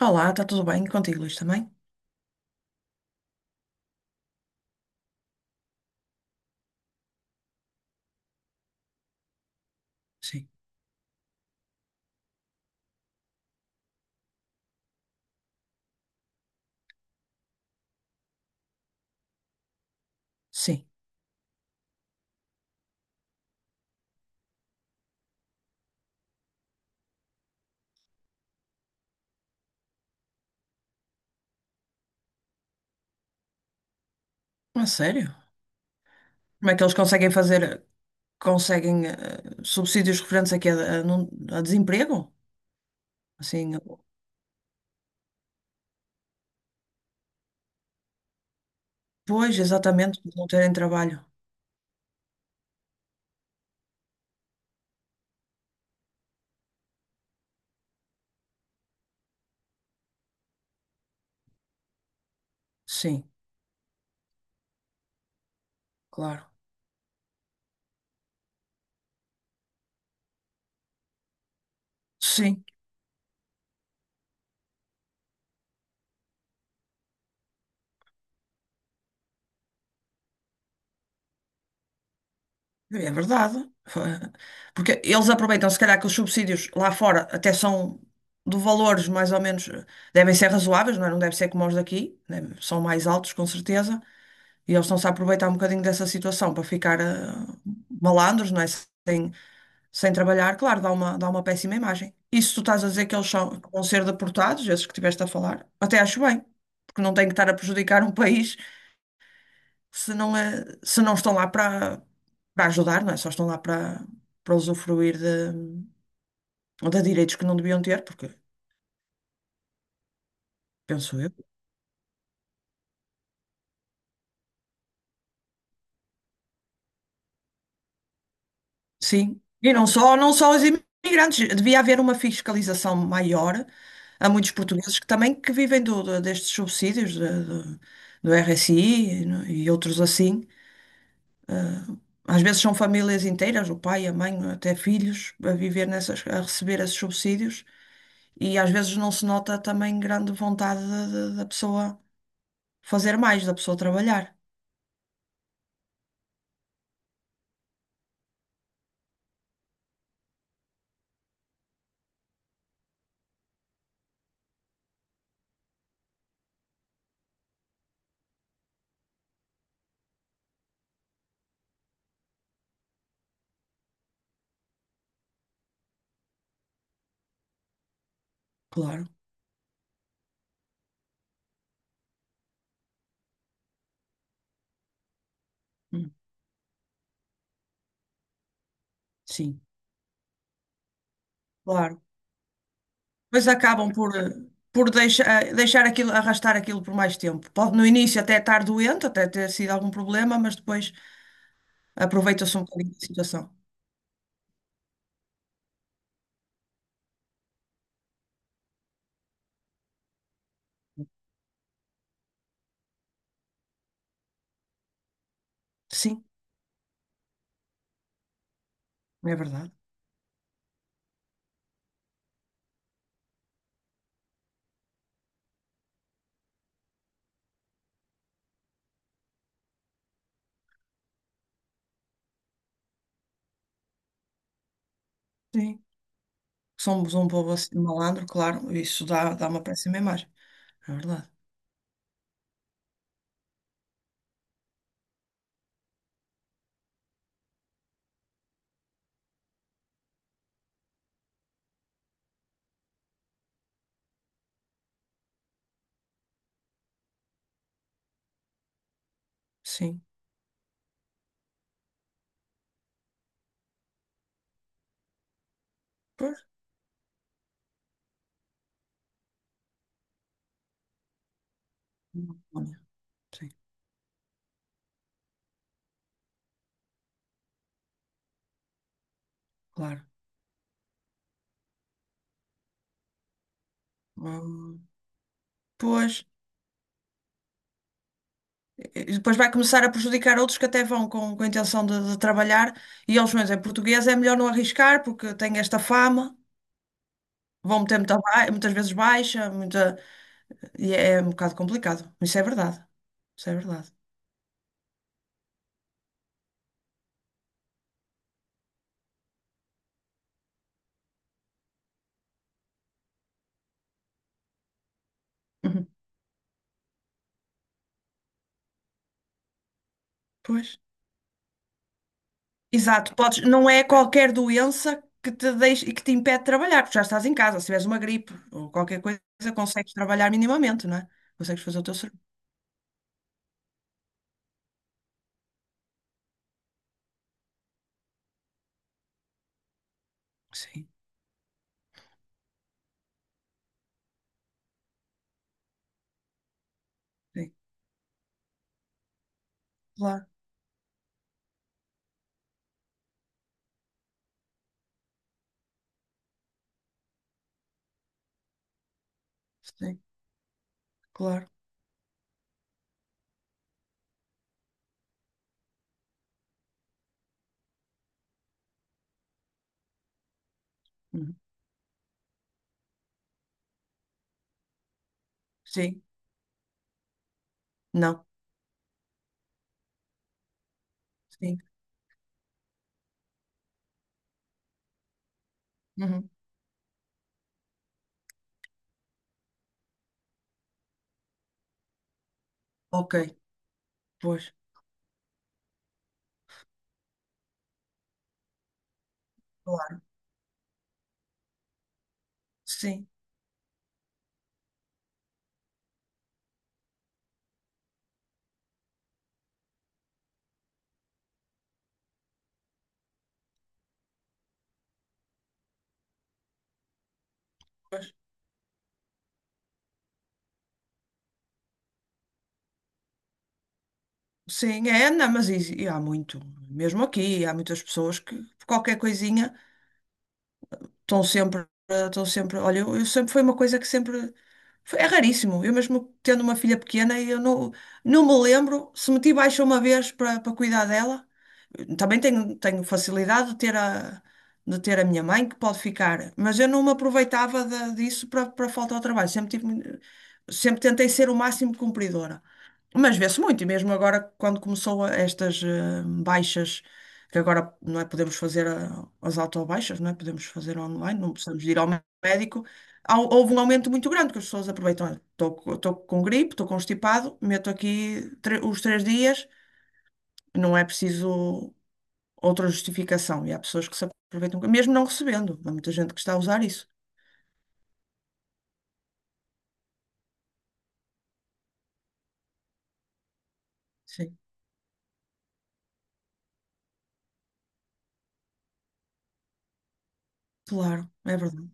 Olá, está tudo bem contigo, Luís, também? Sim. Sim. A sério? Como é que eles conseguem fazer, conseguem subsídios referentes aqui a, não- a desemprego? Assim, pois, exatamente, por não terem trabalho. Sim, claro. Sim, é verdade. Porque eles aproveitam, se calhar, que os subsídios lá fora até são de valores mais ou menos, devem ser razoáveis, não é? Não deve ser como os daqui, né? São mais altos, com certeza. E eles estão-se a aproveitar um bocadinho dessa situação para ficar malandros, não é? Sem trabalhar, claro, dá uma péssima imagem. E se tu estás a dizer que eles são, que vão ser deportados, esses que tiveste a falar, até acho bem, porque não tem que estar a prejudicar um país se não, é, se não estão lá para ajudar, não é? Só estão lá para usufruir de direitos que não deviam ter, porque penso eu. Sim, e não só, não só os imigrantes, devia haver uma fiscalização maior a muitos portugueses que também que vivem destes subsídios do RSI e, e outros assim. Às vezes são famílias inteiras, o pai, a mãe, até filhos, a viver nessas, a receber esses subsídios e às vezes não se nota também grande vontade da pessoa fazer mais, da pessoa trabalhar. Claro. Hum. Sim, claro. Mas acabam por deixar, deixar aquilo, arrastar aquilo por mais tempo. Pode no início até estar doente, até ter sido algum problema, mas depois aproveita-se um bocadinho da situação. Sim, é verdade. Sim. Somos um povo assim, malandro, claro, dá uma péssima imagem. É verdade. Sim. Pois. Olha. Sim, claro. Hum. Pois, e depois vai começar a prejudicar outros que até vão com a intenção de trabalhar e eles, mas é português, é melhor não arriscar porque tem esta fama. Vão meter muita muitas vezes baixa, muita... e é é um bocado complicado. Isso é verdade. Isso é verdade. Uhum. Pois. Exato. Podes... Não é qualquer doença que te deixe... e que te impede de trabalhar, porque já estás em casa. Se tiveres uma gripe ou qualquer coisa, consegues trabalhar minimamente, não é? Consegues fazer o teu serviço. Sim, sim. Claro, sim, claro. Uhum. Sim, não. Sim. Uhum. Ok, pois. Claro. Sim, sim, é, não, mas isso- e há muito, mesmo aqui, há muitas pessoas que por qualquer coisinha. Estão sempre, estão sempre, olha, eu sempre foi uma coisa que sempre é raríssimo. Eu mesmo tendo uma filha pequena, eu não, não me lembro se meti baixa uma vez para cuidar dela. Também tenho facilidade de ter de ter a minha mãe que pode ficar, mas eu não me aproveitava disso para falta ao trabalho. Sempre tive, sempre tentei ser o máximo cumpridora. Mas vê-se muito, e mesmo agora, quando estas baixas, que agora não é podemos fazer as autobaixas, não é? Podemos fazer online, não precisamos de ir ao médico. Houve um aumento muito grande que as pessoas aproveitam. Olha, estou com gripe, estou constipado, meto aqui os três dias, não é preciso outra justificação. E há pessoas que se aproveitam, mesmo não recebendo. Há muita gente que está a usar isso. Sim, claro, é verdade.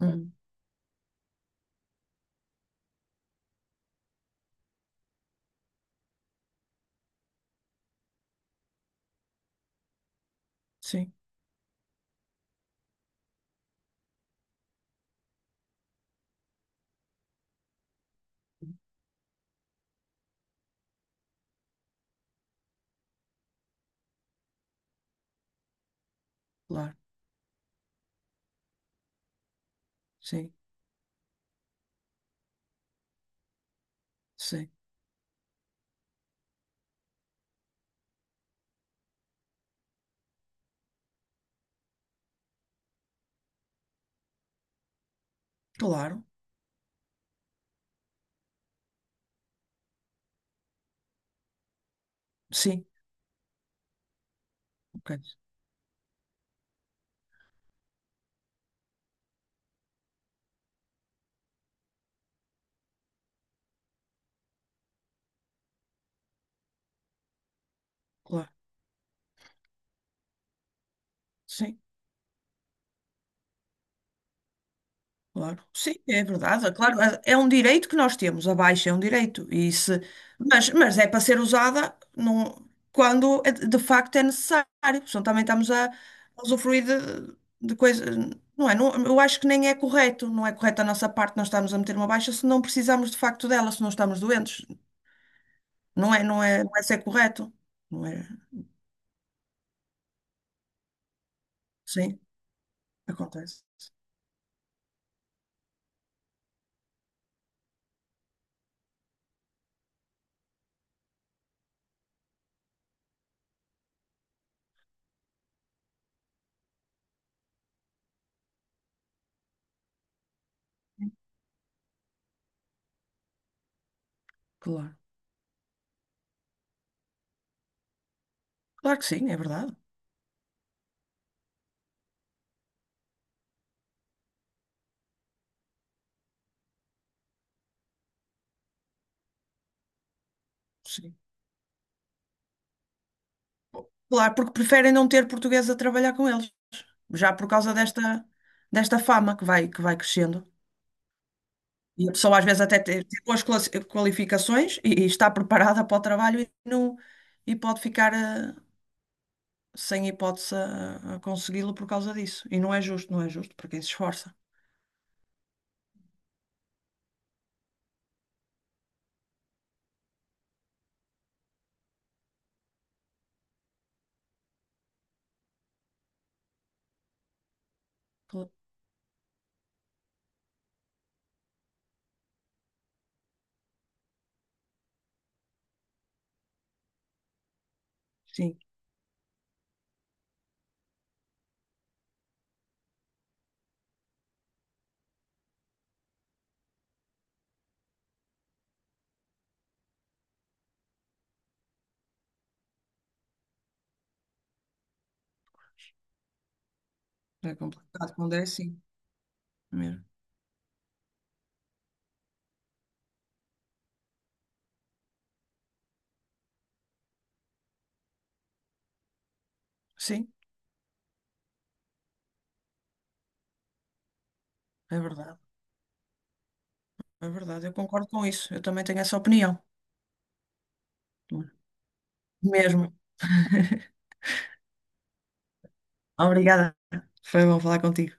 Uhum. Sim, claro, sim, sim, claro, sim, ok, claro, sim. Claro. Sim, é verdade. É claro, é é um direito que nós temos, a baixa é um direito. E se... mas é para ser usada quando é de facto é necessário. Senão também estamos a usufruir de coisas. Não é? Eu acho que nem é correto. Não é correto da nossa parte nós estarmos a meter uma baixa se não precisamos de facto dela, se não estamos doentes. Não é, não é, não é ser correto. Não é? Sim, acontece. Claro. Claro que sim, é verdade. Sim. Claro, porque preferem não ter português a trabalhar com eles. Já por causa desta fama que vai crescendo. E a pessoa às vezes até tem tem boas qualificações e está preparada para o trabalho e, não, e pode ficar sem hipótese a consegui-lo por causa disso. E não é justo, não é justo para quem se esforça. Cla- Sim, é complicado quando é assim mesmo. Sim, é verdade. É verdade, eu concordo com isso. Eu também tenho essa opinião. Mesmo. Obrigada. Foi bom falar contigo.